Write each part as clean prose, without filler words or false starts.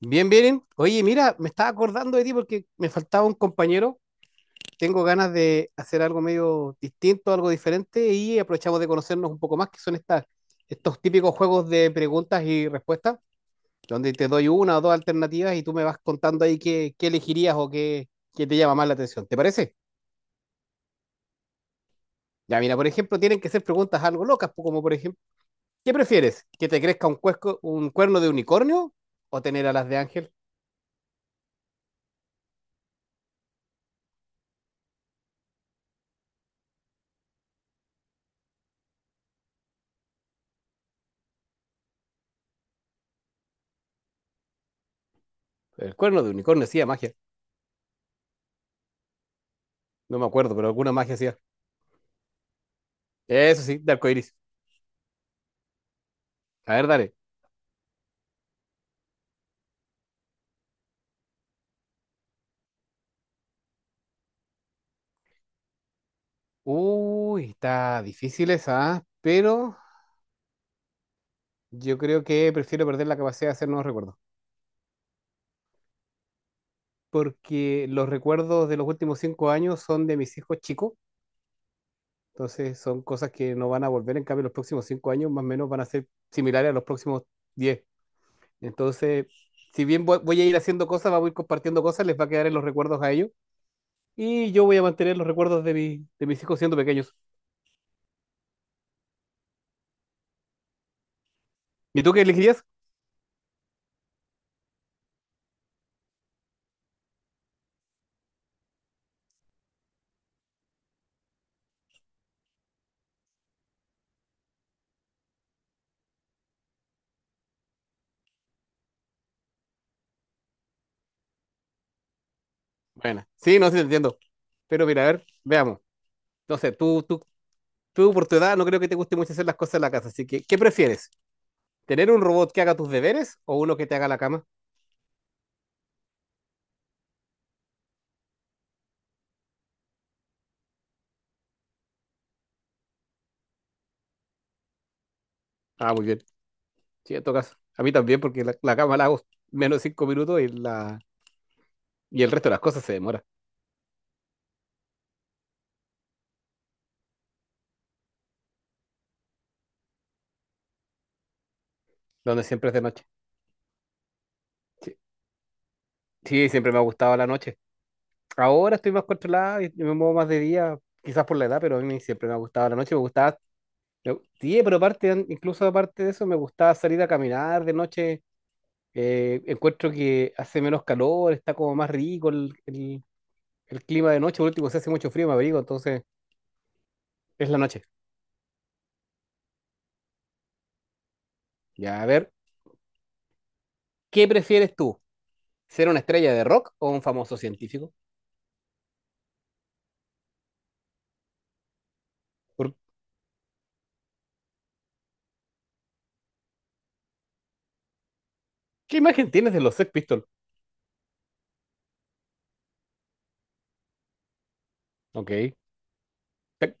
Bien, bien. Oye, mira, me estaba acordando de ti porque me faltaba un compañero. Tengo ganas de hacer algo medio distinto, algo diferente y aprovechamos de conocernos un poco más, que son estos típicos juegos de preguntas y respuestas, donde te doy una o dos alternativas y tú me vas contando ahí qué elegirías o qué te llama más la atención. ¿Te parece? Ya, mira, por ejemplo, tienen que ser preguntas algo locas, como por ejemplo, ¿qué prefieres? ¿Que te crezca un cuerno de unicornio o tener alas de ángel? El cuerno de unicornio hacía magia. No me acuerdo, pero alguna magia hacía. Eso sí, de arcoíris. A ver, dale. Uy, está difícil esa, ¿ah? Pero yo creo que prefiero perder la capacidad de hacer nuevos recuerdos. Porque los recuerdos de los últimos 5 años son de mis hijos chicos. Entonces son cosas que no van a volver. En cambio, los próximos 5 años más o menos van a ser similares a los próximos diez. Entonces, si bien voy a ir haciendo cosas, voy a ir compartiendo cosas, les va a quedar en los recuerdos a ellos. Y yo voy a mantener los recuerdos de, de mis hijos siendo pequeños. ¿Y tú qué elegirías? Bueno, sí, no sé, te entiendo. Pero mira, a ver, veamos. No sé, tú por tu edad no creo que te guste mucho hacer las cosas en la casa, así que, ¿qué prefieres? ¿Tener un robot que haga tus deberes o uno que te haga la cama? Ah, muy bien. Sí, en todo caso. A mí también, porque la cama la hago menos de 5 minutos y, y el resto de las cosas se demora, donde siempre es de noche. Sí, sí, siempre me ha gustado la noche. Ahora estoy más controlado y me muevo más de día, quizás por la edad, pero a mí siempre me ha gustado la noche, me gustaba... Sí, pero aparte, incluso aparte de eso, me gustaba salir a caminar de noche. Encuentro que hace menos calor, está como más rico el clima de noche. Por último, se hace mucho frío, me abrigo, entonces es la noche. Ya, a ver, ¿qué prefieres tú? ¿Ser una estrella de rock o un famoso científico? ¿Por qué imagen tienes de los Sex Pistols? Ok. Tac.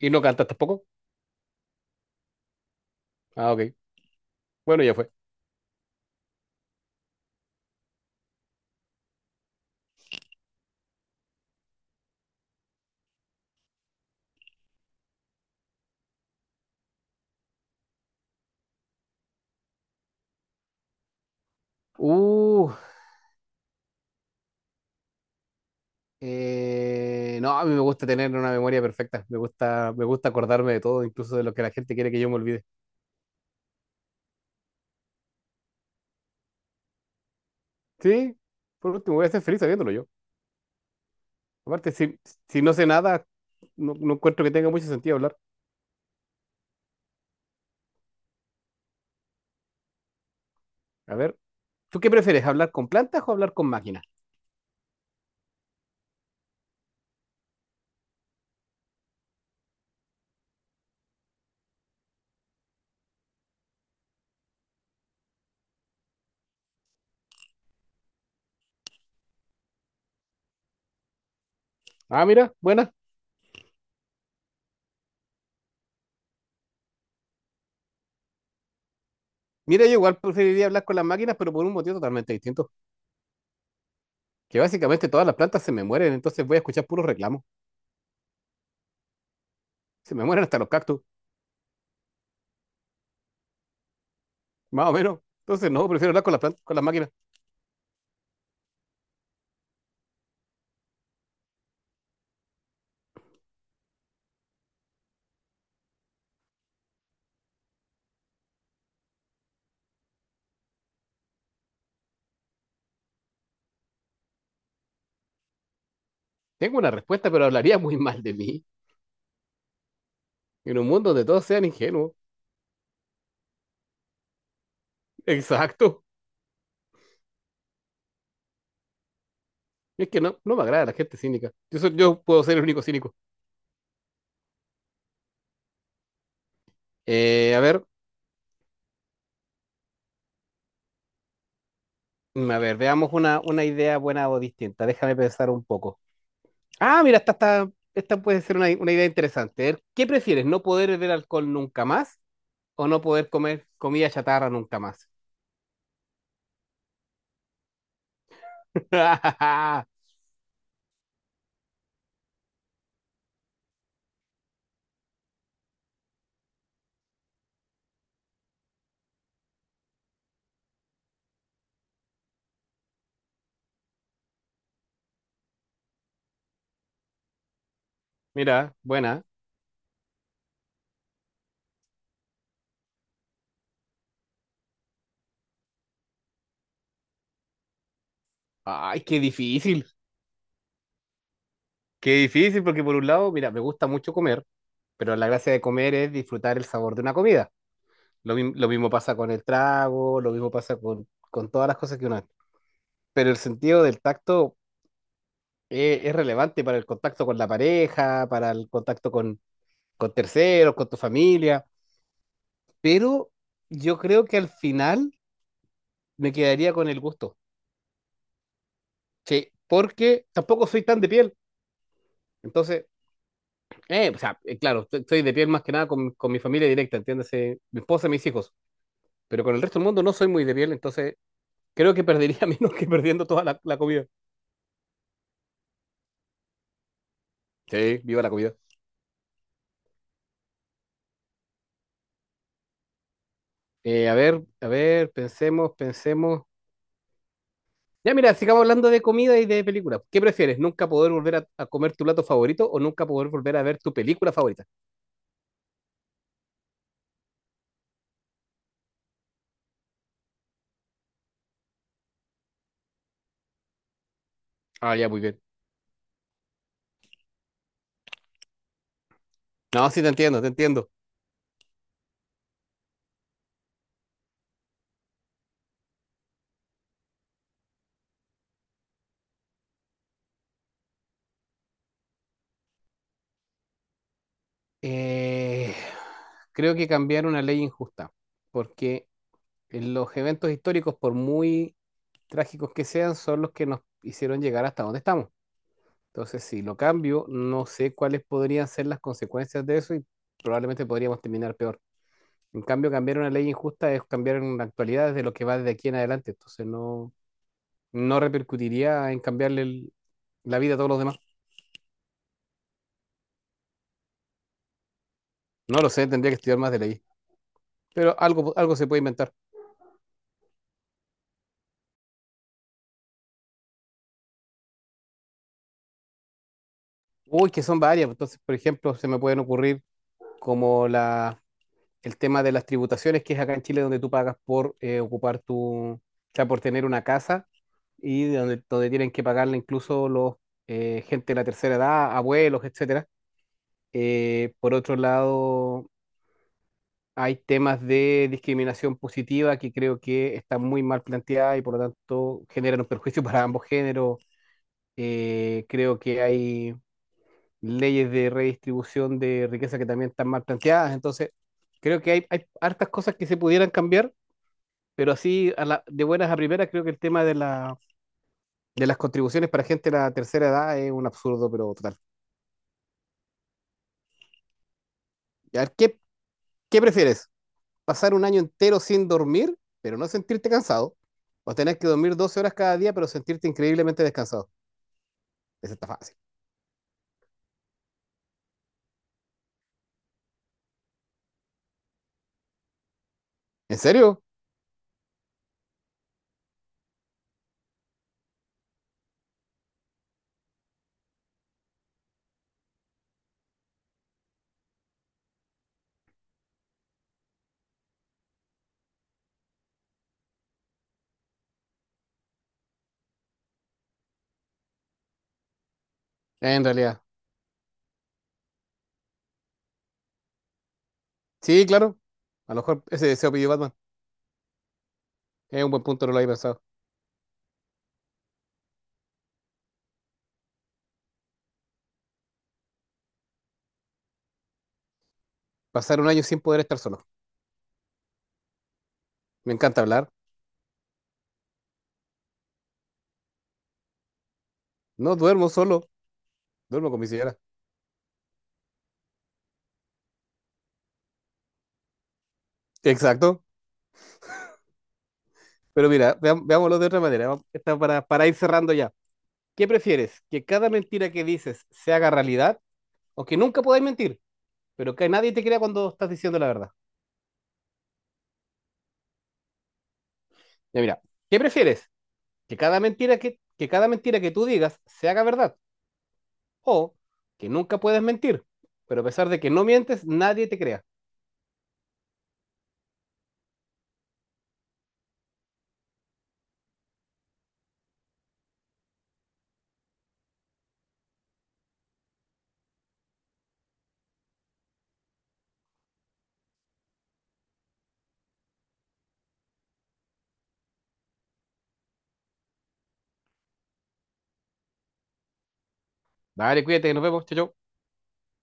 ¿Y no cantas tampoco? Ah, ok. Bueno, ya fue. Uh, no, a mí me gusta tener una memoria perfecta. Me gusta acordarme de todo, incluso de lo que la gente quiere que yo me olvide. Sí, por último, voy a ser feliz sabiéndolo yo. Aparte, si no sé nada, no encuentro que tenga mucho sentido hablar. A ver, ¿tú qué prefieres, hablar con plantas o hablar con máquinas? Ah, mira, buena. Mira, yo igual preferiría hablar con las máquinas, pero por un motivo totalmente distinto. Que básicamente todas las plantas se me mueren, entonces voy a escuchar puros reclamos. Se me mueren hasta los cactus, más o menos. Entonces, no, prefiero hablar con las plantas, con las máquinas. Tengo una respuesta, pero hablaría muy mal de mí. En un mundo donde todos sean ingenuos. Exacto. Es que no, no me agrada la gente cínica. Yo, yo puedo ser el único cínico. Eh, a ver, A ver, veamos una idea buena o distinta. Déjame pensar un poco. Ah, mira, esta puede ser una idea interesante. A ver, ¿qué prefieres, no poder beber alcohol nunca más o no poder comer comida chatarra nunca más? Mira, buena. Ay, qué difícil. Qué difícil, porque por un lado, mira, me gusta mucho comer, pero la gracia de comer es disfrutar el sabor de una comida. Lo mismo pasa con el trago, lo mismo pasa con todas las cosas que uno hace. Pero el sentido del tacto, es relevante para el contacto con la pareja, para el contacto con terceros, con tu familia, pero yo creo que al final me quedaría con el gusto, sí, porque tampoco soy tan de piel, entonces, claro, soy de piel más que nada con, con mi familia directa, entiéndase, mi esposa y mis hijos, pero con el resto del mundo no soy muy de piel, entonces creo que perdería menos que perdiendo toda la comida. Sí, viva la comida. A ver, pensemos, pensemos. Ya, mira, sigamos hablando de comida y de películas. ¿Qué prefieres? ¿Nunca poder volver a comer tu plato favorito o nunca poder volver a ver tu película favorita? Ah, ya, muy bien. No, sí, te entiendo, te entiendo. Eh, creo que cambiar una ley injusta, porque en los eventos históricos, por muy trágicos que sean, son los que nos hicieron llegar hasta donde estamos. Entonces, si lo cambio, no sé cuáles podrían ser las consecuencias de eso y probablemente podríamos terminar peor. En cambio, cambiar una ley injusta es cambiar en la actualidad desde lo que va desde aquí en adelante. Entonces, no, no repercutiría en cambiarle la vida a todos los demás. No lo sé, tendría que estudiar más de ley. Pero algo, algo se puede inventar. Uy, que son varias. Entonces, por ejemplo, se me pueden ocurrir como el tema de las tributaciones, que es acá en Chile donde tú pagas por ocupar tu, o sea, por tener una casa y de donde tienen que pagarle incluso los gente de la tercera edad, abuelos, etcétera. Por otro lado, hay temas de discriminación positiva que creo que están muy mal planteadas y por lo tanto generan un perjuicio para ambos géneros. Creo que hay leyes de redistribución de riqueza que también están mal planteadas. Entonces, creo que hay hartas cosas que se pudieran cambiar, pero así de buenas a primeras creo que el tema de las contribuciones para gente de la tercera edad es un absurdo, pero total. A ver, ¿qué prefieres? Pasar un año entero sin dormir, pero no sentirte cansado, o tener que dormir 12 horas cada día, pero sentirte increíblemente descansado. Eso está fácil. ¿En serio? En realidad. Sí, claro. A lo mejor ese deseo pidió Batman. Es un buen punto, no lo había pensado. Pasar un año sin poder estar solo. Me encanta hablar. No duermo solo, duermo con mi señora. Exacto. Pero mira, veámoslo de otra manera. Está para ir cerrando ya. ¿Qué prefieres? ¿Que cada mentira que dices se haga realidad? ¿O que nunca podáis mentir, pero que nadie te crea cuando estás diciendo la verdad? Ya mira, ¿qué prefieres? ¿Que cada mentira que tú digas se haga verdad? ¿O que nunca puedes mentir, pero a pesar de que no mientes, nadie te crea? Dale, cuídate, nos vemos, chau, chau.